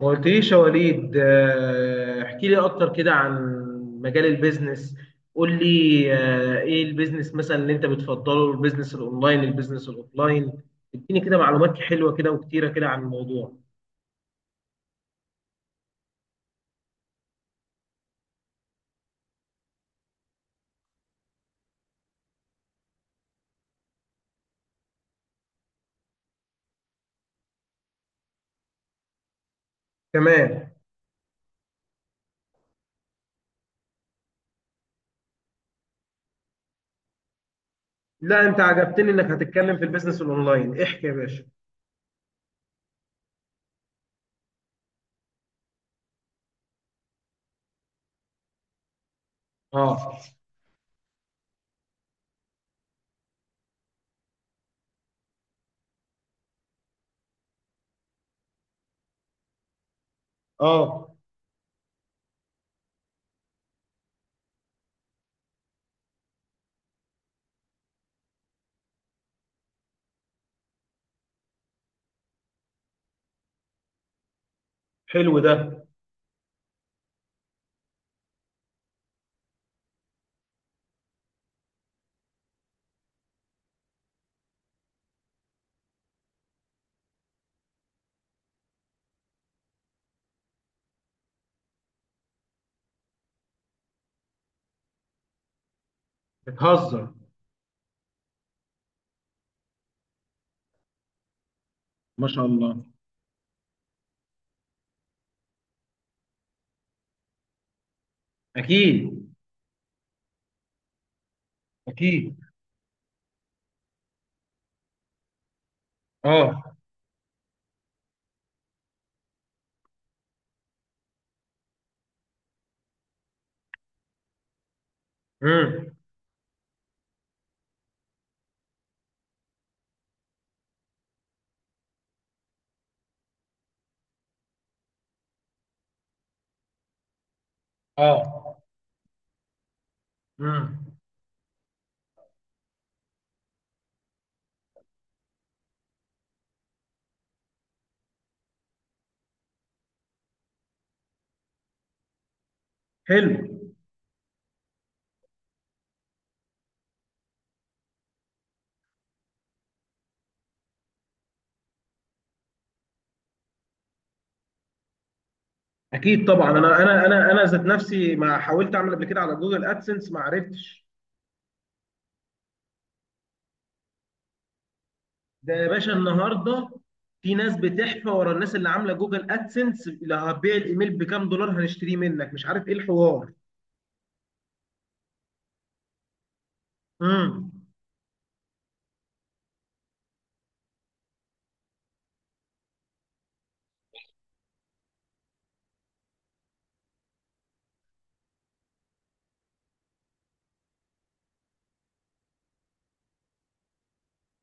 ما قلتليش يا وليد، احكي لي اكتر كده عن مجال البيزنس. قول لي. ايه البيزنس مثلا اللي انت بتفضله؟ البيزنس الاونلاين، البيزنس الاوفلاين؟ اديني كده معلومات حلوة كده وكتيرة كده عن الموضوع. تمام. لا، انت عجبتني انك هتتكلم في البيزنس الاونلاين، احكي يا باشا. اه. اه. حلو ده. بتهزر؟ ما شاء الله. اكيد. اكيد. اه. امم. اه. امم. حلو. اكيد طبعا. انا ذات نفسي ما حاولت اعمل قبل كده على جوجل ادسنس، ما عرفتش. ده يا باشا النهارده في ناس بتحفى ورا الناس اللي عامله جوجل ادسنس، اللي هتبيع الايميل بكام دولار هنشتريه منك، مش عارف ايه الحوار. امم.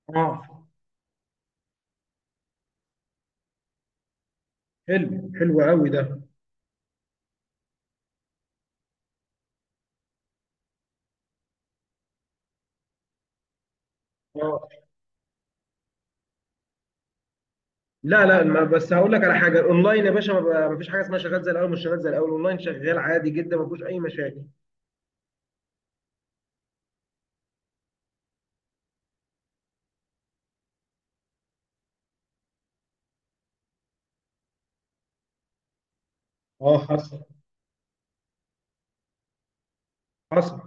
اه. حلو. حلو قوي ده. اه. لا لا، ما بس هقول لك على حاجه. الاونلاين يا باشا، ما فيش حاجه اسمها شغال زي الاول، مش شغال زي الاول. الاونلاين شغال عادي جدا، ما فيهوش اي مشاكل. اه. حصل. حصل.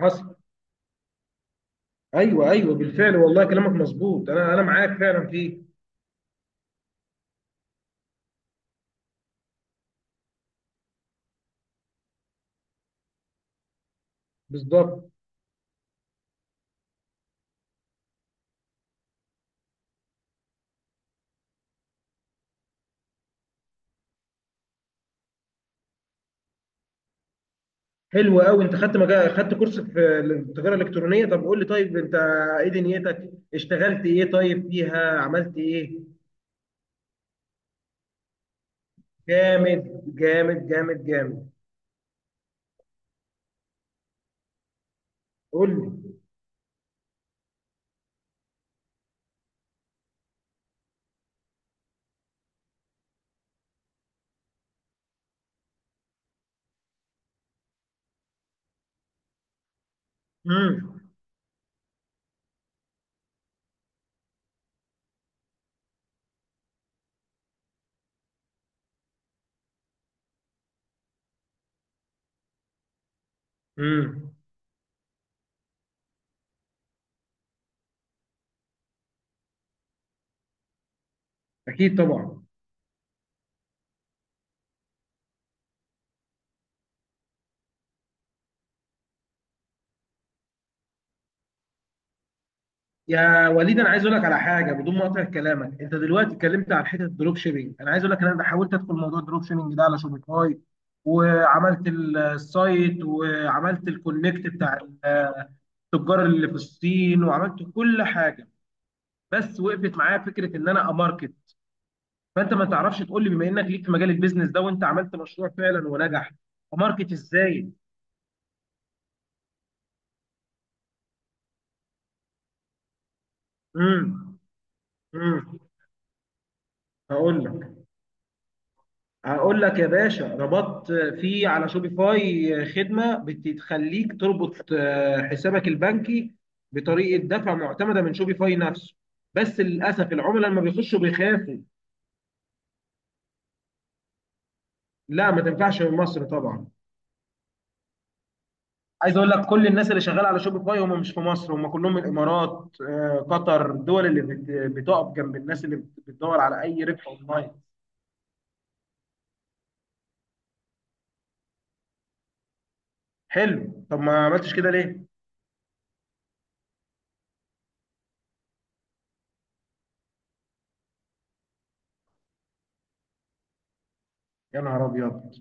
حصل. ايوه ايوه، بالفعل والله كلامك مظبوط، انا معاك فعلا فيه. بالظبط. حلو قوي. انت خدت مجال، خدت كورس في التجاره الالكترونيه. طب قول لي، طيب انت ايه دنيتك؟ اشتغلت ايه طيب فيها؟ عملت ايه؟ جامد. جامد جامد جامد. قول لي. امم. امم. اكيد طبعا. يا وليد، انا عايز اقول لك على حاجه بدون ما اقطع كلامك. انت دلوقتي اتكلمت عن حته الدروب شيبينج. انا عايز اقول لك ان انا حاولت ادخل موضوع الدروب شيبينج ده على شوبيفاي، وعملت السايت، وعملت الكونكت بتاع التجار اللي في الصين، وعملت كل حاجه. بس وقفت معايا فكره ان انا اماركت. فانت ما تعرفش تقول لي، بما انك ليك في مجال البيزنس ده وانت عملت مشروع فعلا ونجح، اماركت ازاي؟ امم. امم. هقول لك. هقول لك يا باشا، ربطت في على شوبيفاي خدمة بتخليك تربط حسابك البنكي بطريقة دفع معتمدة من شوبيفاي نفسه، بس للأسف العملاء لما بيخشوا بيخافوا. لا، ما تنفعش من مصر طبعا. عايز اقول لك، كل الناس اللي شغاله على شوبيفاي هم مش في مصر، هم كلهم من الامارات، قطر، الدول اللي بتقف جنب الناس اللي بتدور على اي ربح اونلاين. حلو، طب ما عملتش كده ليه؟ يا نهار ابيض،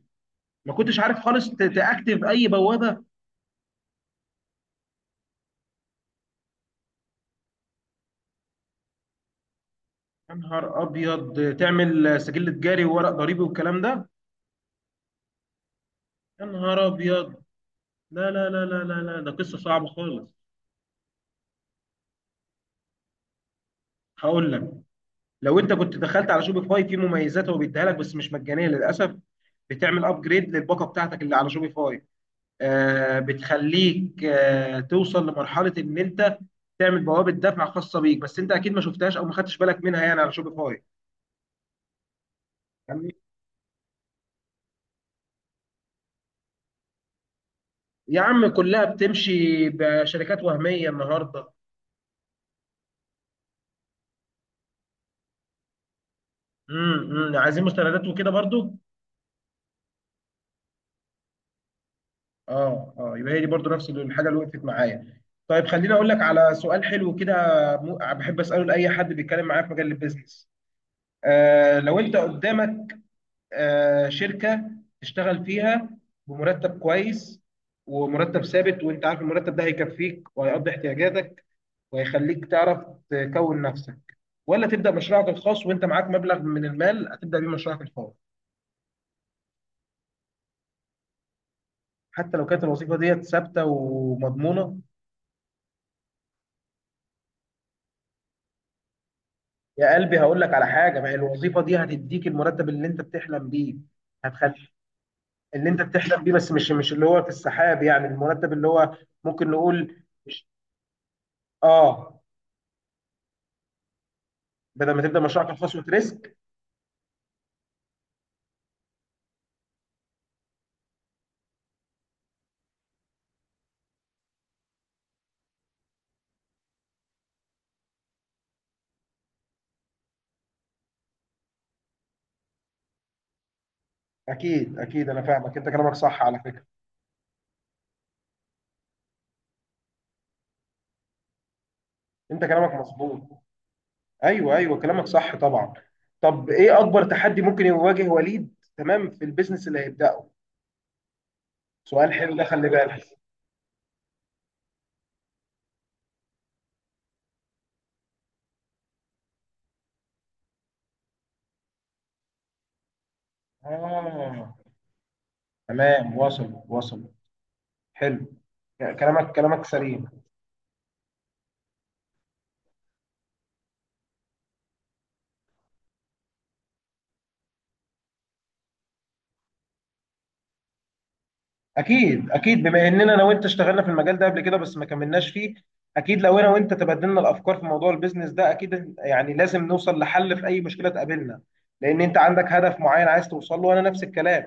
ما كنتش عارف خالص تاكتف اي بوابة. يا نهار ابيض، تعمل سجل تجاري وورق ضريبي والكلام ده. يا نهار ابيض. لا لا لا لا لا لا، ده قصه صعبه خالص. هقول لك، لو انت كنت دخلت على شوبيفاي في مميزات هو بيديها لك، بس مش مجانيه للاسف. بتعمل ابجريد للباقه بتاعتك اللي على شوبيفاي، بتخليك توصل لمرحله ان انت تعمل بوابه دفع خاصه بيك. بس انت اكيد ما شفتهاش او ما خدتش بالك منها يعني، على شوبيفاي. يعني يا عم، كلها بتمشي بشركات وهميه النهارده. امم. عايزين مستندات وكده برضو. اه. اه، يبقى هي دي برضو نفس الحاجه اللي وقفت معايا. طيب خليني اقول لك على سؤال حلو كده، بحب اساله لاي حد بيتكلم معايا في مجال البيزنس. لو انت قدامك شركه تشتغل فيها بمرتب كويس، ومرتب ثابت، وانت عارف المرتب ده هيكفيك وهيقضي احتياجاتك وهيخليك تعرف تكون نفسك، ولا تبدا مشروعك الخاص وانت معاك مبلغ من المال هتبدا بيه مشروعك الخاص، حتى لو كانت الوظيفه ديت ثابته ومضمونه؟ يا قلبي، هقول لك على حاجه: ما هي الوظيفه دي هتديك المرتب اللي انت بتحلم بيه. هتخلي اللي انت بتحلم بيه، بس مش اللي هو في السحاب يعني، المرتب اللي هو ممكن نقول مش. اه، بدل ما تبدا مشروعك الخاص وتريسك. اكيد اكيد، انا فاهمك، انت كلامك صح على فكره. انت كلامك مظبوط. ايوه ايوه، كلامك صح طبعا. طب ايه اكبر تحدي ممكن يواجه وليد، تمام، في البيزنس اللي هيبداه؟ سؤال حلو ده، خلي بالك. اه، تمام، وصل وصل. حلو. كلامك سليم. اكيد اكيد، بما اننا انا وانت اشتغلنا في المجال ده قبل كده بس ما كملناش فيه. اكيد لو انا وانت تبادلنا الافكار في موضوع البيزنس ده، اكيد يعني لازم نوصل لحل في اي مشكله تقابلنا، لان انت عندك هدف معين عايز توصل له، وانا نفس الكلام.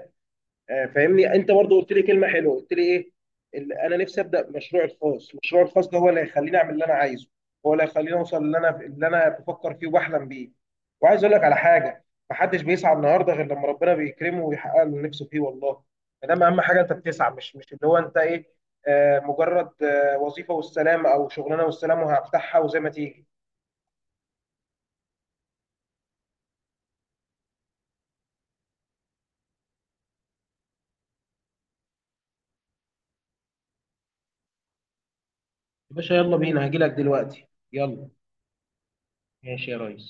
فاهمني. انت برضو قلت لي كلمه حلوه، قلت لي ايه؟ انا نفسي ابدا مشروع الخاص. المشروع الخاص ده هو اللي هيخليني اعمل اللي انا عايزه، هو اللي هيخليني اوصل اللي انا بفكر فيه وبحلم بيه. وعايز اقول لك على حاجه، محدش بيسعى النهارده غير لما ربنا بيكرمه ويحقق له نفسه فيه والله. فده اهم حاجه، انت بتسعى، مش اللي هو انت ايه، مجرد وظيفه والسلام، او شغلانه والسلام وهفتحها وزي ما تيجي. يا باشا يلا بينا، هجيلك دلوقتي. يلا. ماشي يا ريس.